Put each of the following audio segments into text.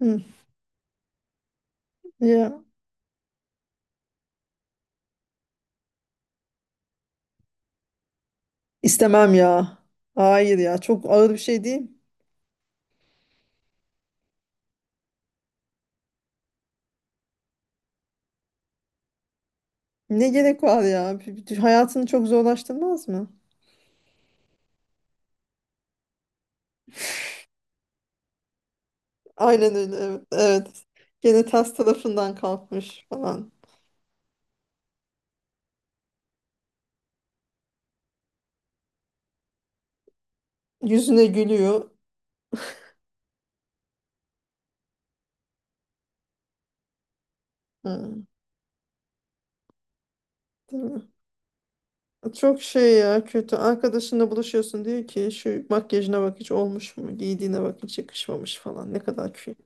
Hı, ya istemem ya. Hayır ya çok ağır bir şey değil. Ne gerek var ya? Hayatını çok zorlaştırmaz mı? Aynen öyle, evet. Evet. Gene ters tarafından kalkmış falan. Yüzüne gülüyor. Hı, değil mi? Çok şey ya, kötü. Arkadaşınla buluşuyorsun, diyor ki şu makyajına bak, hiç olmuş mu? Giydiğine bak, hiç yakışmamış falan. Ne kadar kötü.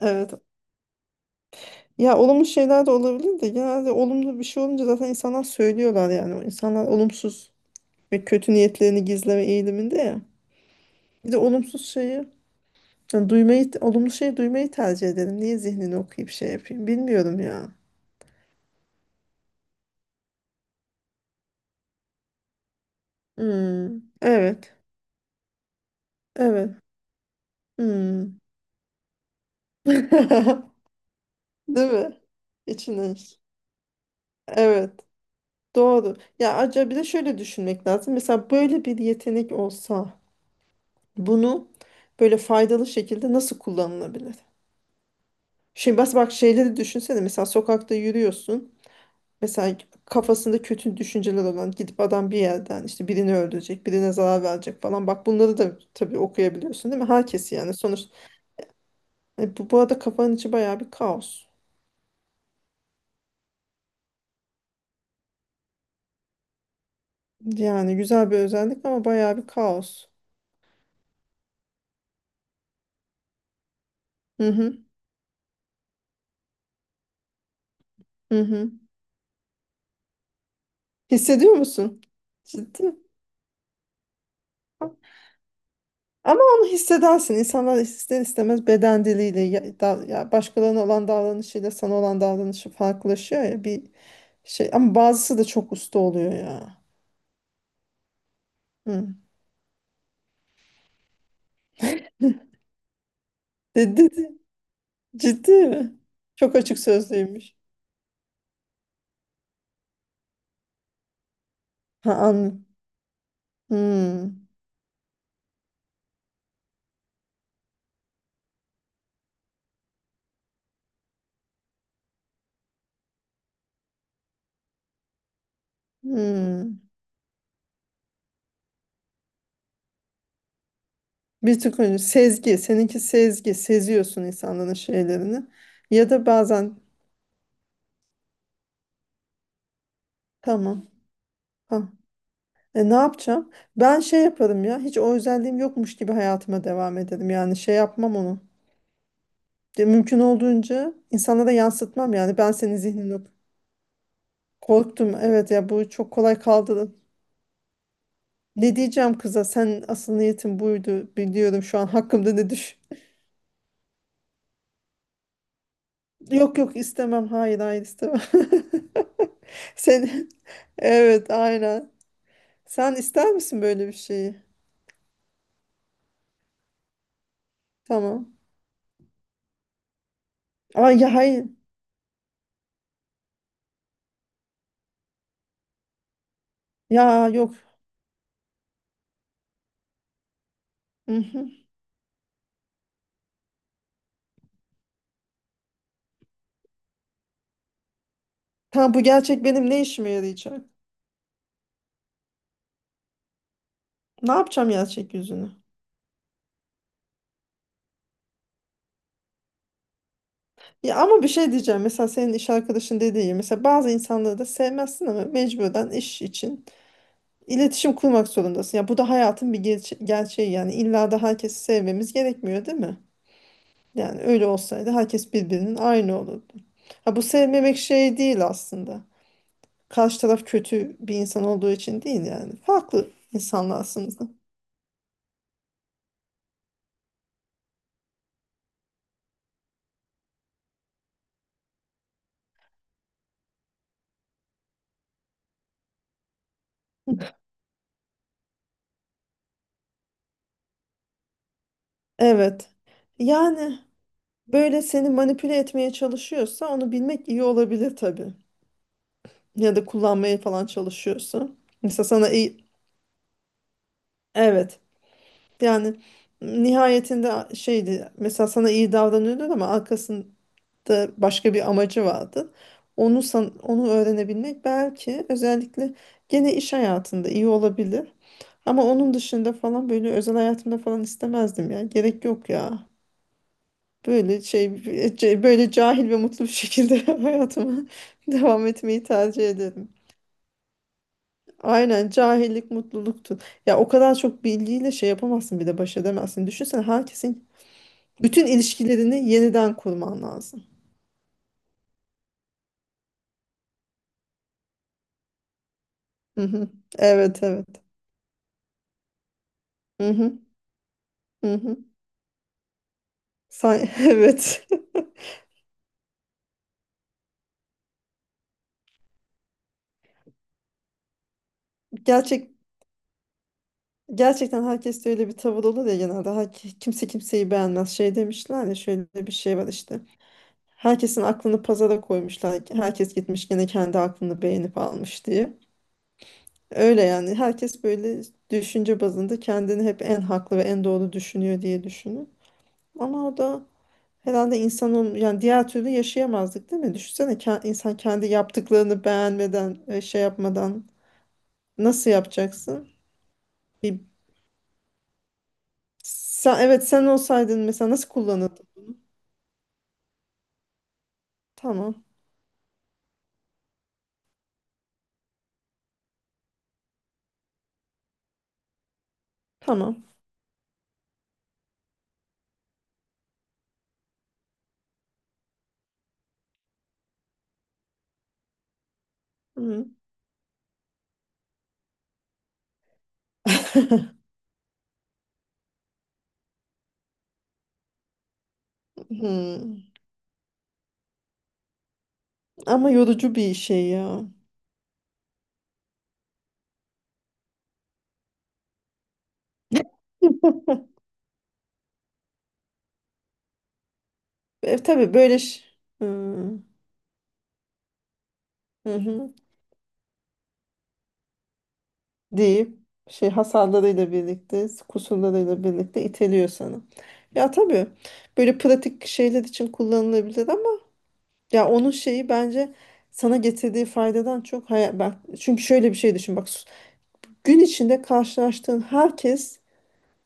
Evet. Ya olumlu şeyler de olabilir de genelde olumlu bir şey olunca zaten insanlar söylüyorlar yani. İnsanlar olumsuz ve kötü niyetlerini gizleme eğiliminde ya. Bir de olumsuz şeyi, yani duymayı, olumlu şeyi duymayı tercih edelim. Niye zihnini okuyup şey yapayım? Bilmiyorum ya. Hmm, evet, evet. Hmm. Değil mi? İçine. İş. Evet, doğru. Ya acaba bir de şöyle düşünmek lazım. Mesela böyle bir yetenek olsa bunu böyle faydalı şekilde nasıl kullanılabilir? Şimdi bas bak, şeyleri düşünsene. Mesela sokakta yürüyorsun. Mesela kafasında kötü düşünceler olan gidip adam bir yerden işte birini öldürecek, birine zarar verecek falan. Bak, bunları da tabii okuyabiliyorsun değil mi? Herkesi yani sonuç. Hani bu arada kafanın içi bayağı bir kaos. Yani güzel bir özellik ama bayağı bir kaos. Hı hı, hı hı. Hissediyor musun? Ciddi. Ama onu hissedersin. İnsanlar ister istemez beden diliyle ya, ya başkalarına olan davranışıyla sana olan davranışı farklılaşıyor ya bir şey. Ama bazısı da çok usta oluyor ya. Hı. Dedi. Ciddi mi? Çok açık sözlüymüş. Ha, anladım. Hmm. Hmm. Bir tık önce sezgi. Seninki sezgi. Seziyorsun insanların şeylerini. Ya da bazen tamam. Ha. Ne yapacağım? Ben şey yaparım ya. Hiç o özelliğim yokmuş gibi hayatıma devam ederim. Yani şey yapmam onu. Ya, mümkün olduğunca insanlara yansıtmam yani. Ben senin zihnini ok- Korktum. Evet ya, bu çok kolay kaldırın. Ne diyeceğim kıza? Sen asıl niyetin buydu. Biliyorum şu an hakkımda ne düşün. Yok yok, istemem. Hayır hayır, istemem. Sen evet, aynen. Sen ister misin böyle bir şeyi? Tamam. Ay ya, hayır. Ya yok. Mhm. Tamam, bu gerçek benim ne işime yarayacak? Ne yapacağım gerçek yüzünü? Ya ama bir şey diyeceğim. Mesela senin iş arkadaşın dediği gibi. Mesela bazı insanları da sevmezsin ama mecburen iş için iletişim kurmak zorundasın. Ya bu da hayatın bir gerçeği yani. İlla da herkesi sevmemiz gerekmiyor değil mi? Yani öyle olsaydı herkes birbirinin aynı olurdu. Ha, bu sevmemek şey değil aslında. Karşı taraf kötü bir insan olduğu için değil yani. Farklı insanlarsınız da. Evet. Yani böyle seni manipüle etmeye çalışıyorsa onu bilmek iyi olabilir tabii. Ya da kullanmaya falan çalışıyorsa. Mesela sana iyi... Evet. Yani nihayetinde şeydi. Mesela sana iyi davranıyordu ama arkasın da başka bir amacı vardı. Onu öğrenebilmek belki özellikle gene iş hayatında iyi olabilir. Ama onun dışında falan böyle özel hayatımda falan istemezdim ya. Gerek yok ya. Böyle şey böyle cahil ve mutlu bir şekilde hayatıma devam etmeyi tercih ederim. Aynen, cahillik mutluluktu. Ya o kadar çok bilgiyle şey yapamazsın, bir de baş edemezsin. Düşünsene, herkesin bütün ilişkilerini yeniden kurman lazım. Hı hı. Evet evet. Hı hı. Hı hı. Sen, evet. Gerçek gerçekten herkes de öyle bir tavır olur ya genelde. Kimse kimseyi beğenmez. Şey demişler ya, şöyle bir şey var işte. Herkesin aklını pazara koymuşlar. Herkes gitmiş gene kendi aklını beğenip almış diye. Öyle yani. Herkes böyle düşünce bazında kendini hep en haklı ve en doğru düşünüyor diye düşünür. Ama o da herhalde insanın yani diğer türlü yaşayamazdık değil mi? Düşünsene, insan kendi yaptıklarını beğenmeden şey yapmadan nasıl yapacaksın? Sen, evet, sen olsaydın mesela nasıl kullanırdın? Tamam. Tamam. Hı. Hı. Ama yorucu bir şey ya. E, tabii böyle ş- Hı, hı hı. Deyip şey hasarlarıyla birlikte, kusurlarıyla birlikte iteliyor sana. Ya tabii böyle pratik şeyler için kullanılabilir ama ya onun şeyi bence sana getirdiği faydadan çok hayal, bak çünkü şöyle bir şey düşün bak, gün içinde karşılaştığın herkes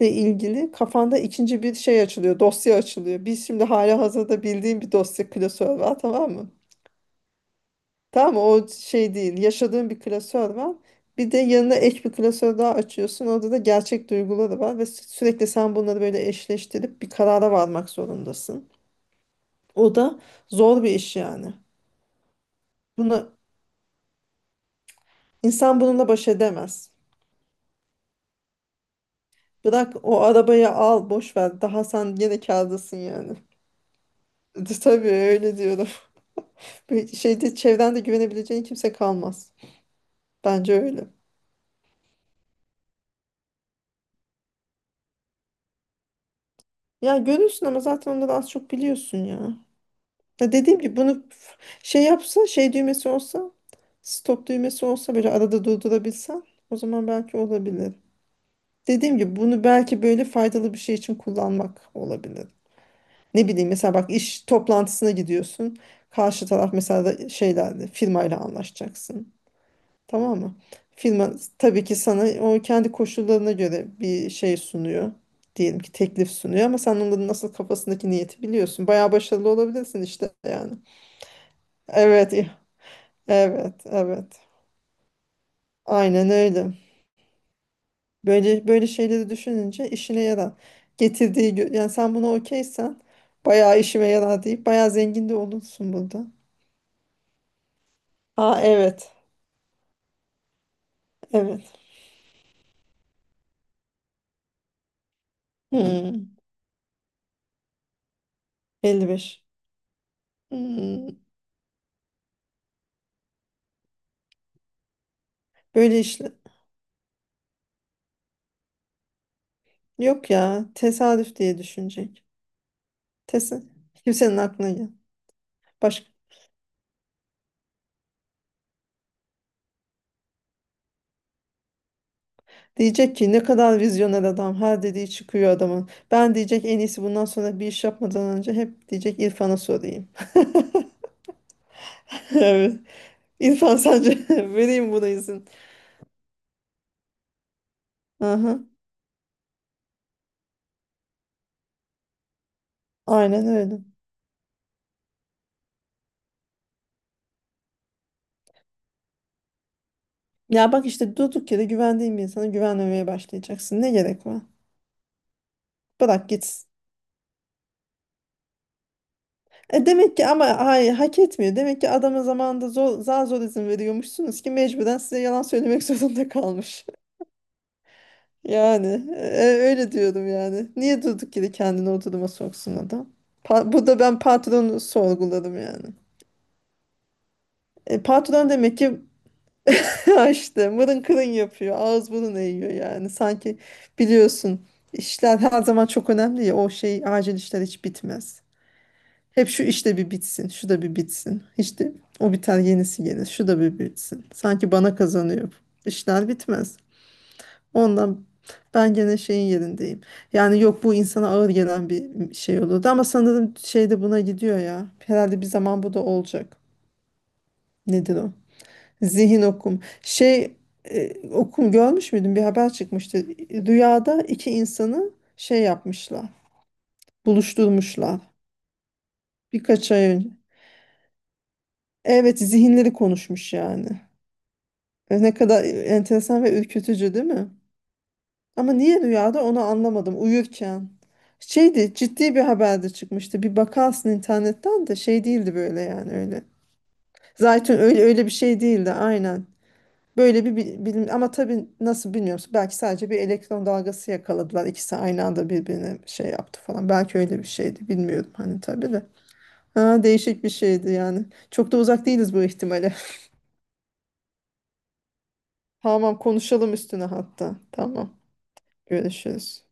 ile ilgili kafanda ikinci bir şey açılıyor, dosya açılıyor. Biz şimdi hala hazırda bildiğim bir dosya klasör var, tamam mı? Tamam mı? O şey değil, yaşadığın bir klasör var. Bir de yanına ek bir klasör daha açıyorsun. Orada da gerçek duyguları var ve sürekli sen bunları böyle eşleştirip bir karara varmak zorundasın. O da zor bir iş yani. Bunu insan bununla baş edemez. Bırak o arabayı, al boş ver. Daha sen gene kârdasın yani. Tabii öyle diyorum. Ve şeyde çevrende güvenebileceğin kimse kalmaz. Bence öyle. Ya görürsün ama zaten onları az çok biliyorsun ya. Ya dediğim gibi bunu şey yapsa, şey düğmesi olsa, stop düğmesi olsa, böyle arada durdurabilsen, o zaman belki olabilir. Dediğim gibi bunu belki böyle faydalı bir şey için kullanmak olabilir. Ne bileyim, mesela bak iş toplantısına gidiyorsun. Karşı taraf mesela da şeylerle firmayla anlaşacaksın. Tamam mı? Firma tabii ki sana o kendi koşullarına göre bir şey sunuyor. Diyelim ki teklif sunuyor ama sen onların nasıl kafasındaki niyeti biliyorsun. Bayağı başarılı olabilirsin işte yani. Evet, evet, evet. Aynen öyle. Böyle böyle şeyleri düşününce işine yarar. Yani sen buna okeysen bayağı işime yarar deyip bayağı zengin de olursun burada. Ha evet. Evet. Hmm, 55. Hmm, böyle işler. Yok ya, tesadüf diye düşünecek. Tesadüf. Kimsenin aklına gel. Başka. Diyecek ki ne kadar vizyoner adam. Her dediği çıkıyor adamın. Ben diyecek, en iyisi bundan sonra bir iş yapmadan önce hep diyecek İrfan'a sorayım. Evet. İrfan sence vereyim buna izin. Aha, aynen öyle. Ya bak işte, durduk yere güvendiğin bir insana güvenmemeye başlayacaksın. Ne gerek var? Bırak gitsin. E demek ki, ama hayır, hak etmiyor. Demek ki adama zamanında zor, zar zor izin veriyormuşsunuz ki mecburen size yalan söylemek zorunda kalmış. Yani öyle diyorum yani. Niye durduk yere kendini o duruma soksun adam? Burada ben patronu sorguladım yani. E, patron demek ki işte mırın kırın yapıyor. Ağız burun eğiyor yani. Sanki biliyorsun, işler her zaman çok önemli ya. O şey acil işler hiç bitmez. Hep şu işte bir bitsin, şu da bir bitsin. İşte o biter yenisi gelir, şu da bir bitsin. Sanki bana kazanıyor. İşler bitmez. Ondan ben gene şeyin yerindeyim. Yani yok, bu insana ağır gelen bir şey olurdu ama sanırım şey de buna gidiyor ya. Herhalde bir zaman bu da olacak. Nedir o? Zihin okum. Şey okum görmüş müydün? Bir haber çıkmıştı. Rüyada iki insanı şey yapmışlar, buluşturmuşlar. Birkaç ay önce. Evet, zihinleri konuşmuş yani. E, ne kadar enteresan ve ürkütücü değil mi? Ama niye rüyada onu anlamadım uyurken. Şeydi, ciddi bir haberde çıkmıştı. Bir bakarsın internetten de şey değildi, böyle yani öyle. Zaten öyle öyle bir şey değildi, aynen. Böyle bir bilim ama tabii nasıl bilmiyorum. Belki sadece bir elektron dalgası yakaladılar. İkisi aynı anda birbirine şey yaptı falan. Belki öyle bir şeydi, bilmiyorum hani tabii de. Ha, değişik bir şeydi yani. Çok da uzak değiliz bu ihtimale. Tamam, konuşalım üstüne hatta. Tamam, görüşürüz.